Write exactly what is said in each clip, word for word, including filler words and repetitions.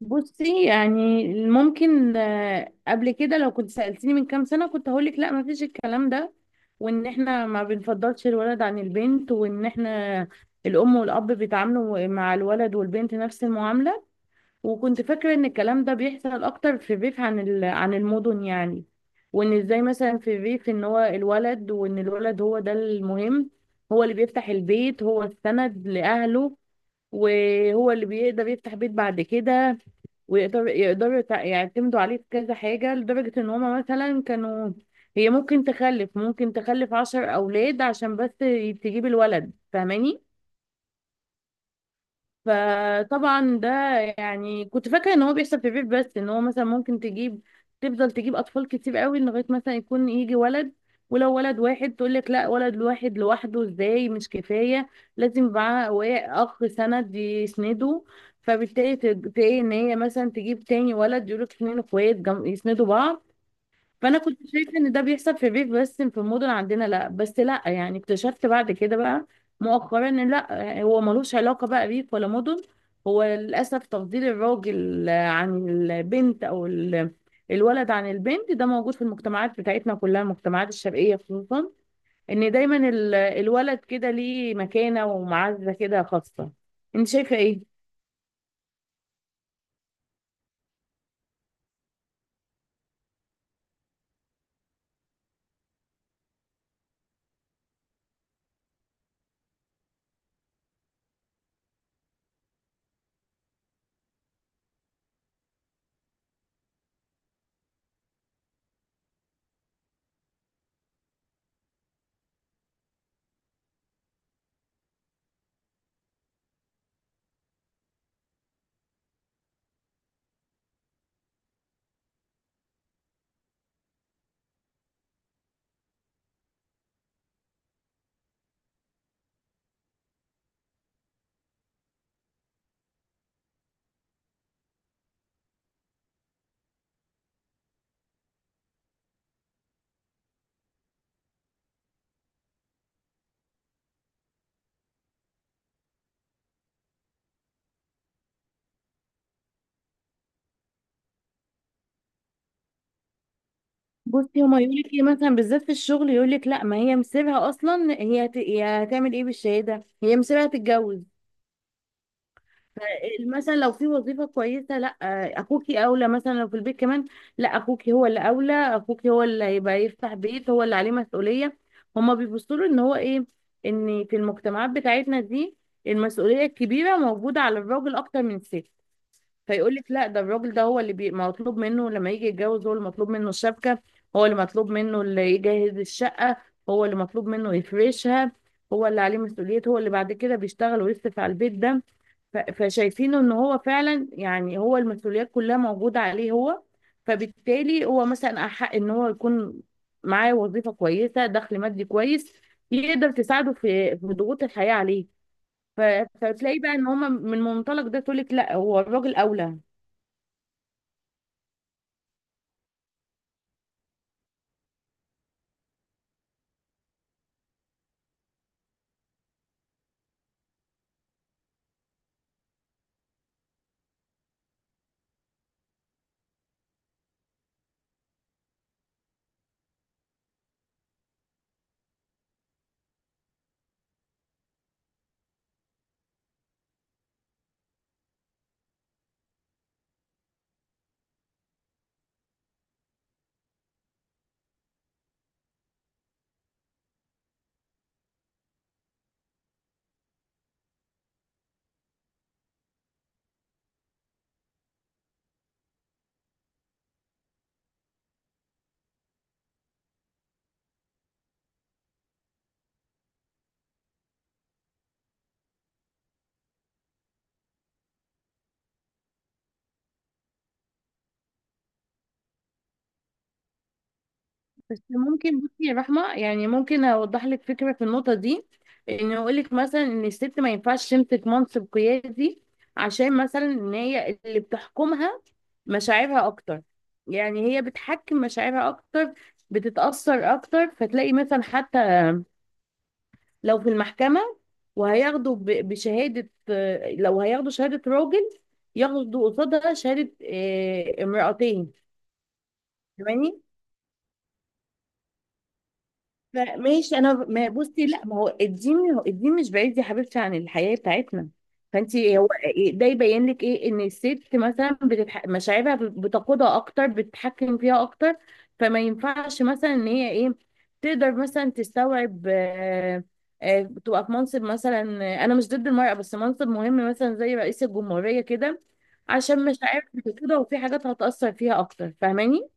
بصي، يعني ممكن آه، قبل كده لو كنت سألتيني من كام سنة كنت هقولك لا، ما فيش الكلام ده، وان احنا ما بنفضلش الولد عن البنت، وان احنا الام والاب بيتعاملوا مع الولد والبنت نفس المعاملة. وكنت فاكرة ان الكلام ده بيحصل اكتر في الريف عن ال- عن المدن يعني. وان ازاي مثلا في الريف ان هو الولد، وان الولد هو ده المهم، هو اللي بيفتح البيت، هو السند لأهله، وهو اللي بيقدر يفتح بيت بعد كده، ويقدر يقدروا يتع- يعتمدوا عليه في كذا حاجة، لدرجة ان هما مثلا كانوا هي ممكن تخلف ممكن تخلف عشر أولاد عشان بس تجيب الولد، فاهماني؟ فطبعا ده يعني كنت فاكره ان هو بيحصل في الريف بس، ان هو مثلا ممكن تجيب، تفضل تجيب اطفال كتير قوي لغايه مثلا يكون يجي ولد. ولو ولد واحد تقول لك لا، ولد واحد لوحده ازاي؟ مش كفايه، لازم يبقى معاه و- اخ سند يسنده. فبالتالي تلاقي ان هي مثلا تجيب تاني ولد، يقول لك اتنين اخوات جم- يسندوا بعض. فانا كنت شايفه ان ده بيحصل في الريف بس، في المدن عندنا لا. بس لا، يعني اكتشفت بعد كده بقى مؤخرا ان لا، هو ملوش علاقه بقى ريف ولا مدن. هو للاسف تفضيل الراجل عن البنت، او ال- الولد عن البنت، ده موجود في المجتمعات بتاعتنا كلها، المجتمعات الشرقيه خصوصا. ان دايما ال- الولد كده ليه مكانه ومعزه كده خاصه. انت شايفه ايه؟ بصي، هما يقول لك ايه مثلا؟ بالذات في الشغل يقول لك لا، ما هي مسيبها اصلا، هي هت... هي هتعمل ايه بالشهاده؟ هي مسيبها تتجوز. ف- مثلا لو في وظيفه كويسه، لا، اخوكي اولى. مثلا لو في البيت كمان، لا، اخوكي هو اللي اولى، اخوكي هو اللي هيبقى يفتح بيت، هو اللي عليه مسؤوليه. هما بيبصوا له ان هو ايه؟ ان في المجتمعات بتاعتنا دي المسؤوليه الكبيره موجوده على الراجل اكتر من الست. فيقول لك لا، ده الراجل ده هو اللي بي... مطلوب منه لما يجي يتجوز، هو اللي مطلوب منه الشبكة، هو اللي مطلوب منه اللي يجهز الشقة، هو اللي مطلوب منه يفرشها، هو اللي عليه مسؤولية، هو اللي بعد كده بيشتغل ويصرف على البيت ده. ف... فشايفينه ان هو فعلا يعني هو المسؤوليات كلها موجودة عليه هو. فبالتالي هو مثلا أحق ان هو يكون معاه وظيفة كويسة، دخل مادي كويس، يقدر تساعده في في ضغوط الحياة عليه. ف... فتلاقي بقى ان هما من منطلق ده تقولك لا، هو الراجل أولى. بس ممكن بصي يا رحمة، يعني ممكن أوضح لك فكرة في النقطة دي، إن أقول لك مثلا إن الست ما ينفعش تمسك منصب قيادي عشان مثلا إن هي اللي بتحكمها مشاعرها أكتر. يعني هي بتحكم مشاعرها أكتر، بتتأثر أكتر. فتلاقي مثلا حتى لو في المحكمة وهياخدوا ب- بشهادة، آه، لو هياخدوا شهادة راجل، ياخدوا قصادها شهادة آه، امرأتين. فاهماني؟ ماشي، انا ما بصي، لا، ما هو الدين هو الدين مش بعيد يا حبيبتي عن الحياه بتاعتنا. فانت هو إيه- ده يبين لك ايه؟ ان الست مثلا بتتح... مشاعرها بتقودها اكتر، بتتحكم فيها اكتر. فما ينفعش مثلا ان هي ايه، تقدر مثلا تستوعب، آه، آه، تبقى في منصب مثلا، آه، انا مش ضد المرأة، بس منصب مهم مثلا زي رئيس الجمهورية كده، عشان مشاعرها بتقودها، وفي حاجات هتأثر فيها اكتر، فاهماني؟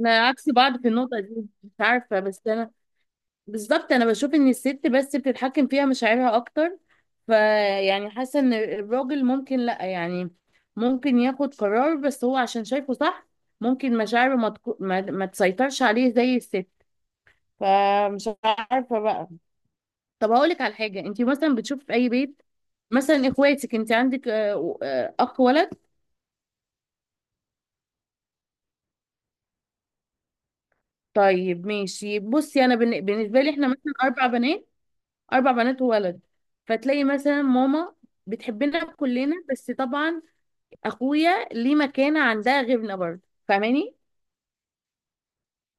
انا عكس بعض في النقطة دي، مش عارفة، بس انا بالظبط انا بشوف ان الست بس بتتحكم فيها مشاعرها اكتر. فيعني حاسه ان الراجل ممكن لا، يعني ممكن ياخد قرار بس هو عشان شايفه صح. ممكن مشاعره ما, تكو... ما... ما تسيطرش عليه زي الست. فمش عارفه بقى. طب هقول لك على حاجه، انت مثلا بتشوف في اي بيت، مثلا اخواتك انت عندك آه، آه، اخ ولد. طيب ماشي، بصي، انا بالن- بالنسبه لي احنا مثلا اربع بنات، اربع بنات وولد. فتلاقي مثلا ماما بتحبنا كلنا، بس طبعا اخويا ليه مكانه عندها غيرنا برضه، فاهماني؟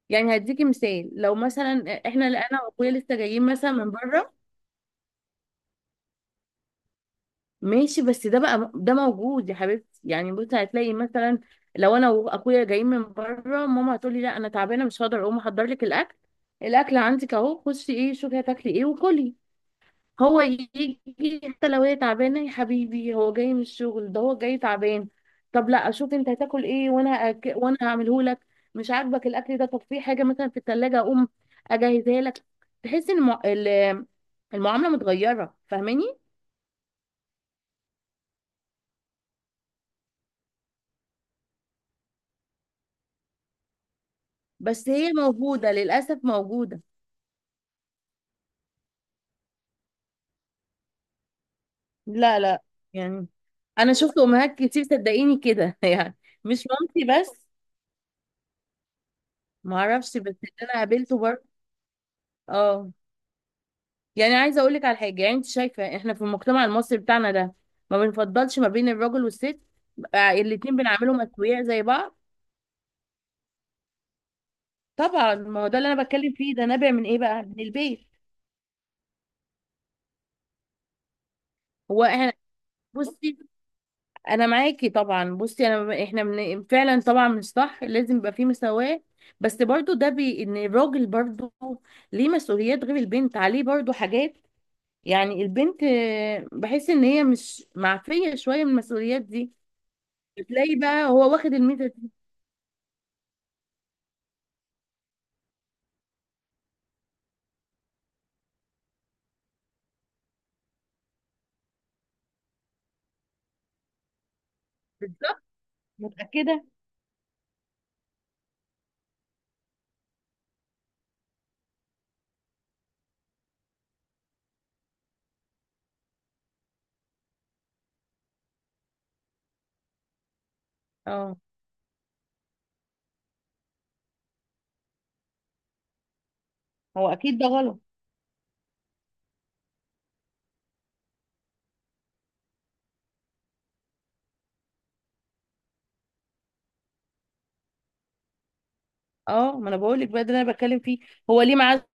يعني هديكي مثال. لو مثلا احنا انا واخويا لسه جايين مثلا من بره، ماشي، بس ده بقى ده موجود يا حبيبتي، يعني بصي هتلاقي مثلا، لو انا واخويا جايين من بره، ماما هتقولي لا، انا تعبانه مش هقدر اقوم احضر لك الاكل، الاكل عندك اهو، خشي ايه شوفي هتاكلي ايه وكلي. هو يجي، حتى لو هي تعبانة، يا حبيبي هو جاي من الشغل، ده هو جاي تعبان، طب لا، اشوف انت هتاكل ايه، وانا أك... وانا هعمله لك. مش عاجبك الاكل ده؟ طب في حاجة مثلا في التلاجة، اقوم اجهزها لك. تحس ان المع... ال- المعاملة متغيرة، فاهماني؟ بس هي موجودة للأسف، موجودة. لا لا، يعني انا شفت امهات كتير صدقيني كده، يعني مش مامتي بس. معرفش، بس اللي انا قابلته برضه. اه، يعني عايزه اقول لك على حاجه. يعني انت شايفه احنا في المجتمع المصري بتاعنا ده ما بنفضلش ما بين الراجل والست؟ آه، الاتنين بنعملهم اسوياء زي بعض؟ طبعا، ما هو ده اللي انا بتكلم فيه، ده نابع من ايه بقى؟ من البيت. هو احنا، بصي، انا معاكي طبعا. بصي انا، احنا من فعلا طبعا مش صح، لازم يبقى فيه مساواه. بس برضو ده بي ان الراجل برضو ليه مسؤوليات، غير البنت عليه برضو حاجات. يعني البنت آه، بحس ان هي مش معفيه شويه من المسؤوليات دي. بتلاقي بقى هو واخد الميزه. بالظبط. متأكدة. اه، هو أكيد ده غلط. اه، ما أنا بقول لك بقى، ده اللي أنا بتكلم فيه. هو ليه معاه